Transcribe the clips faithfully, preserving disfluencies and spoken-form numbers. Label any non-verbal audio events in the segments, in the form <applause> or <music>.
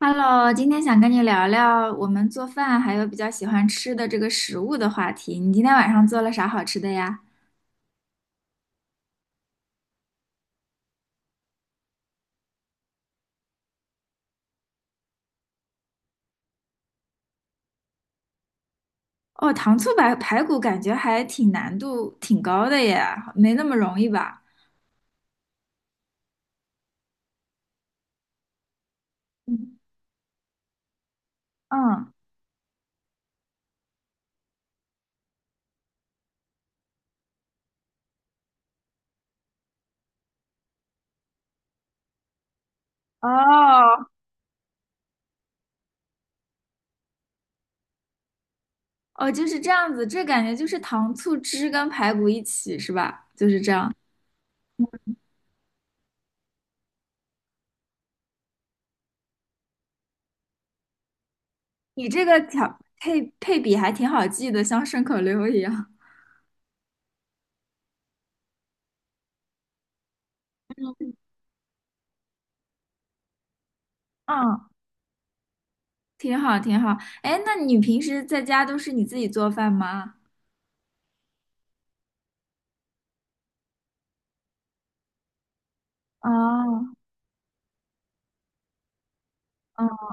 Hello，今天想跟你聊聊我们做饭还有比较喜欢吃的这个食物的话题。你今天晚上做了啥好吃的呀？哦，糖醋排排骨感觉还挺难度挺高的耶，没那么容易吧？嗯。嗯。哦。哦，就是这样子，这感觉就是糖醋汁跟排骨一起是吧？就是这样。你这个调配配比还挺好记的，像顺口溜一样。嗯。<laughs> 挺好，挺好。哎，那你平时在家都是你自己做饭吗？哦。嗯。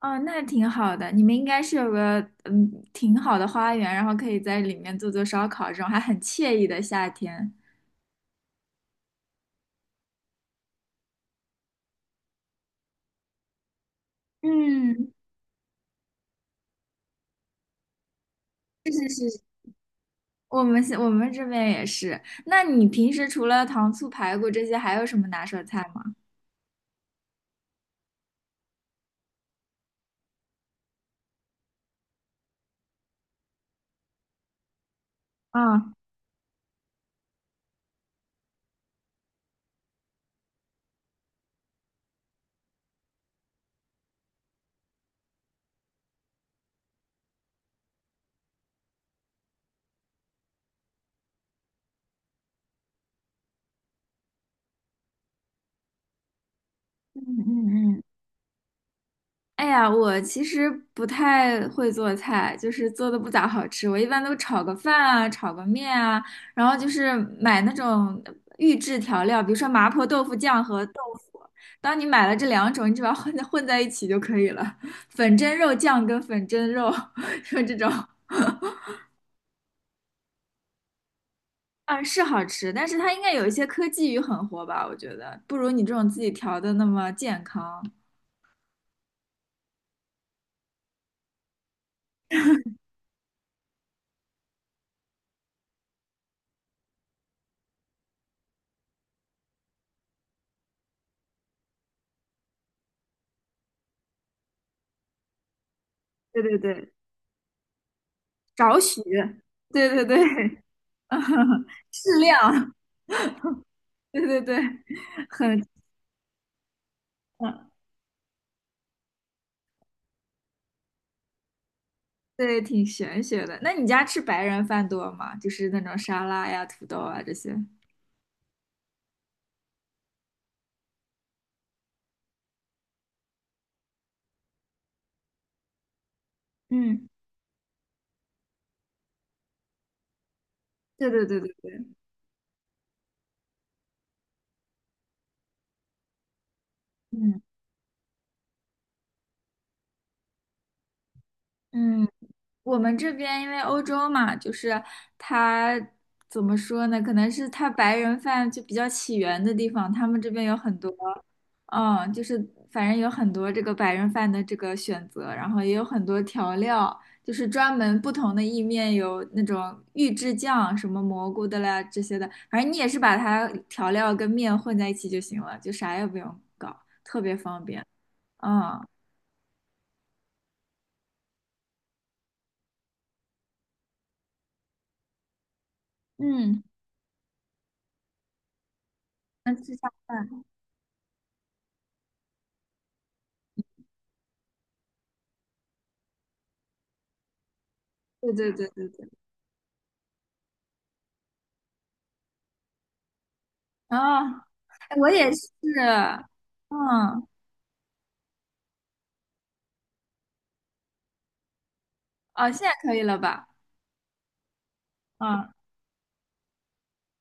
哦，那挺好的。你们应该是有个嗯挺好的花园，然后可以在里面做做烧烤，这种还很惬意的夏天。嗯。是是是。我们是我们这边也是。那你平时除了糖醋排骨这些，还有什么拿手菜吗？啊、嗯嗯嗯。哎呀，我其实不太会做菜，就是做的不咋好吃。我一般都炒个饭啊，炒个面啊，然后就是买那种预制调料，比如说麻婆豆腐酱和豆腐。当你买了这两种，你只要混在混在一起就可以了。粉蒸肉酱跟粉蒸肉，<laughs> 就这种。啊，是好吃，但是它应该有一些科技与狠活吧？我觉得不如你这种自己调的那么健康。对对对，少许。对对对。<laughs> 适量。<laughs> 对对对。很，嗯，对，挺玄学的。那你家吃白人饭多吗？就是那种沙拉呀、土豆啊这些。嗯。对对对对对。嗯嗯。我们这边因为欧洲嘛，就是它怎么说呢？可能是它白人饭就比较起源的地方，他们这边有很多，嗯，就是反正有很多这个白人饭的这个选择，然后也有很多调料，就是专门不同的意面有那种预制酱，什么蘑菇的啦这些的，反正你也是把它调料跟面混在一起就行了，就啥也不用搞，特别方便。嗯嗯，那吃下饭。对对对对对。啊，哎我也是。嗯。哦，现在可以了吧？嗯，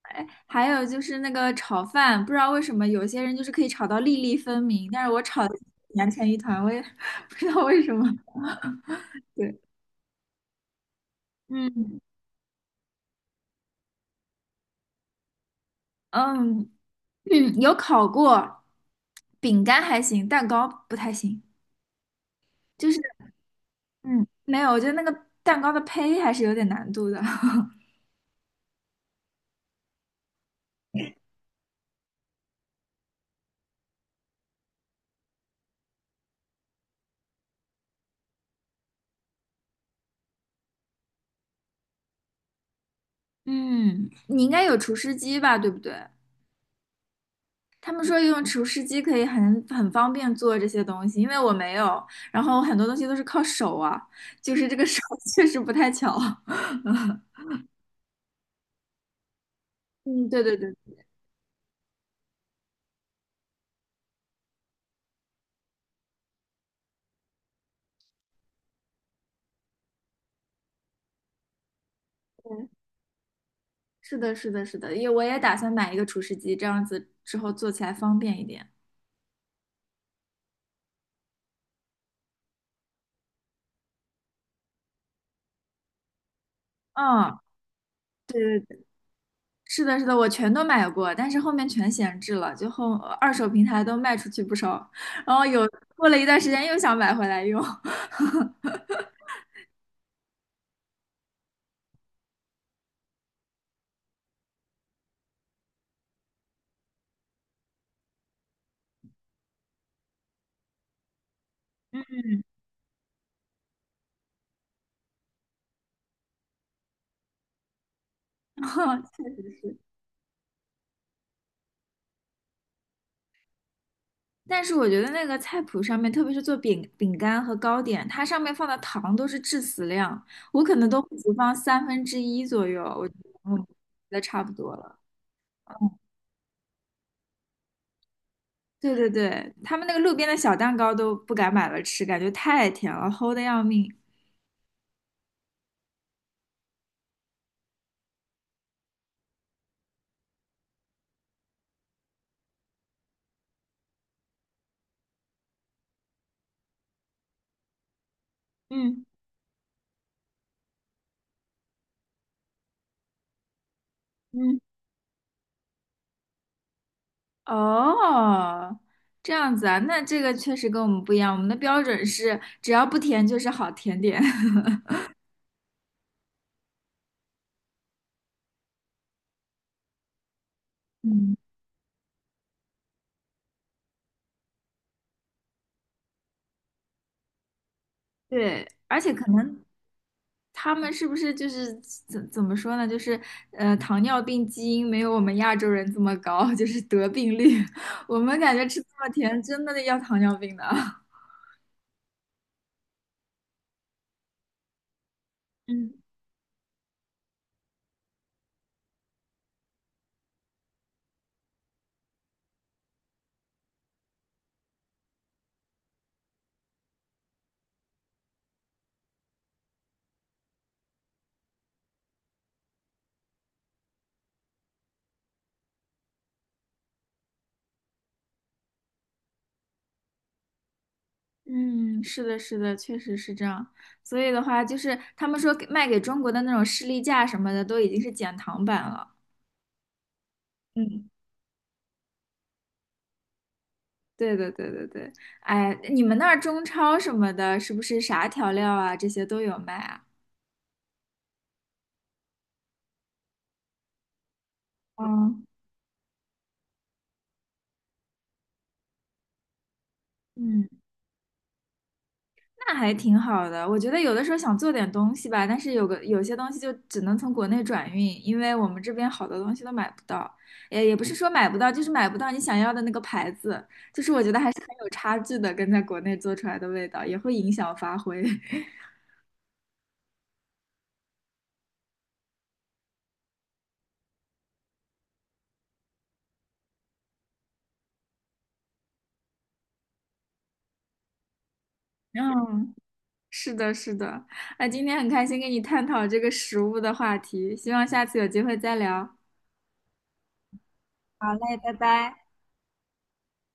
哎，还有就是那个炒饭，不知道为什么有些人就是可以炒到粒粒分明，但是我炒的粘成一团，我也 <laughs> 不知道为什么。对。嗯嗯嗯，有烤过，饼干还行，蛋糕不太行，就是嗯，没有，我觉得那个蛋糕的胚还是有点难度的。<laughs> 嗯，你应该有厨师机吧，对不对？他们说用厨师机可以很很方便做这些东西，因为我没有，然后很多东西都是靠手啊，就是这个手 <laughs> 确实不太巧。嗯，对对对对，是的，是的，是的，也我也打算买一个厨师机，这样子之后做起来方便一点。嗯，对对对，是的，是的，我全都买过，但是后面全闲置了，就后呃二手平台都卖出去不少，然后有过了一段时间又想买回来用。<laughs> 确实是。但是我觉得那个菜谱上面，特别是做饼饼干和糕点，它上面放的糖都是致死量，我可能都会只放三分之一左右，我就嗯觉嗯得差不多了。对对对，他们那个路边的小蛋糕都不敢买了吃，感觉太甜了，齁的要命。嗯嗯。哦，这样子啊，那这个确实跟我们不一样，我们的标准是只要不甜就是好甜点。<laughs> 嗯对，而且可能他们是不是就是怎怎么说呢？就是呃，糖尿病基因没有我们亚洲人这么高，<laughs> 就是得病率。<laughs> 我们感觉吃这么甜，真的要糖尿病的。<laughs> 嗯嗯，是的，是的，确实是这样。所以的话，就是他们说给卖给中国的那种士力架什么的，都已经是减糖版了。嗯，对的，对对对。哎，你们那儿中超什么的，是不是啥调料啊，这些都有卖啊？嗯嗯。那还挺好的，我觉得有的时候想做点东西吧，但是有个有些东西就只能从国内转运，因为我们这边好多东西都买不到，也也不是说买不到，就是买不到你想要的那个牌子，就是我觉得还是很有差距的，跟在国内做出来的味道也会影响发挥。<laughs> 嗯，是的，是的，那今天很开心跟你探讨这个食物的话题，希望下次有机会再聊。哎，拜拜。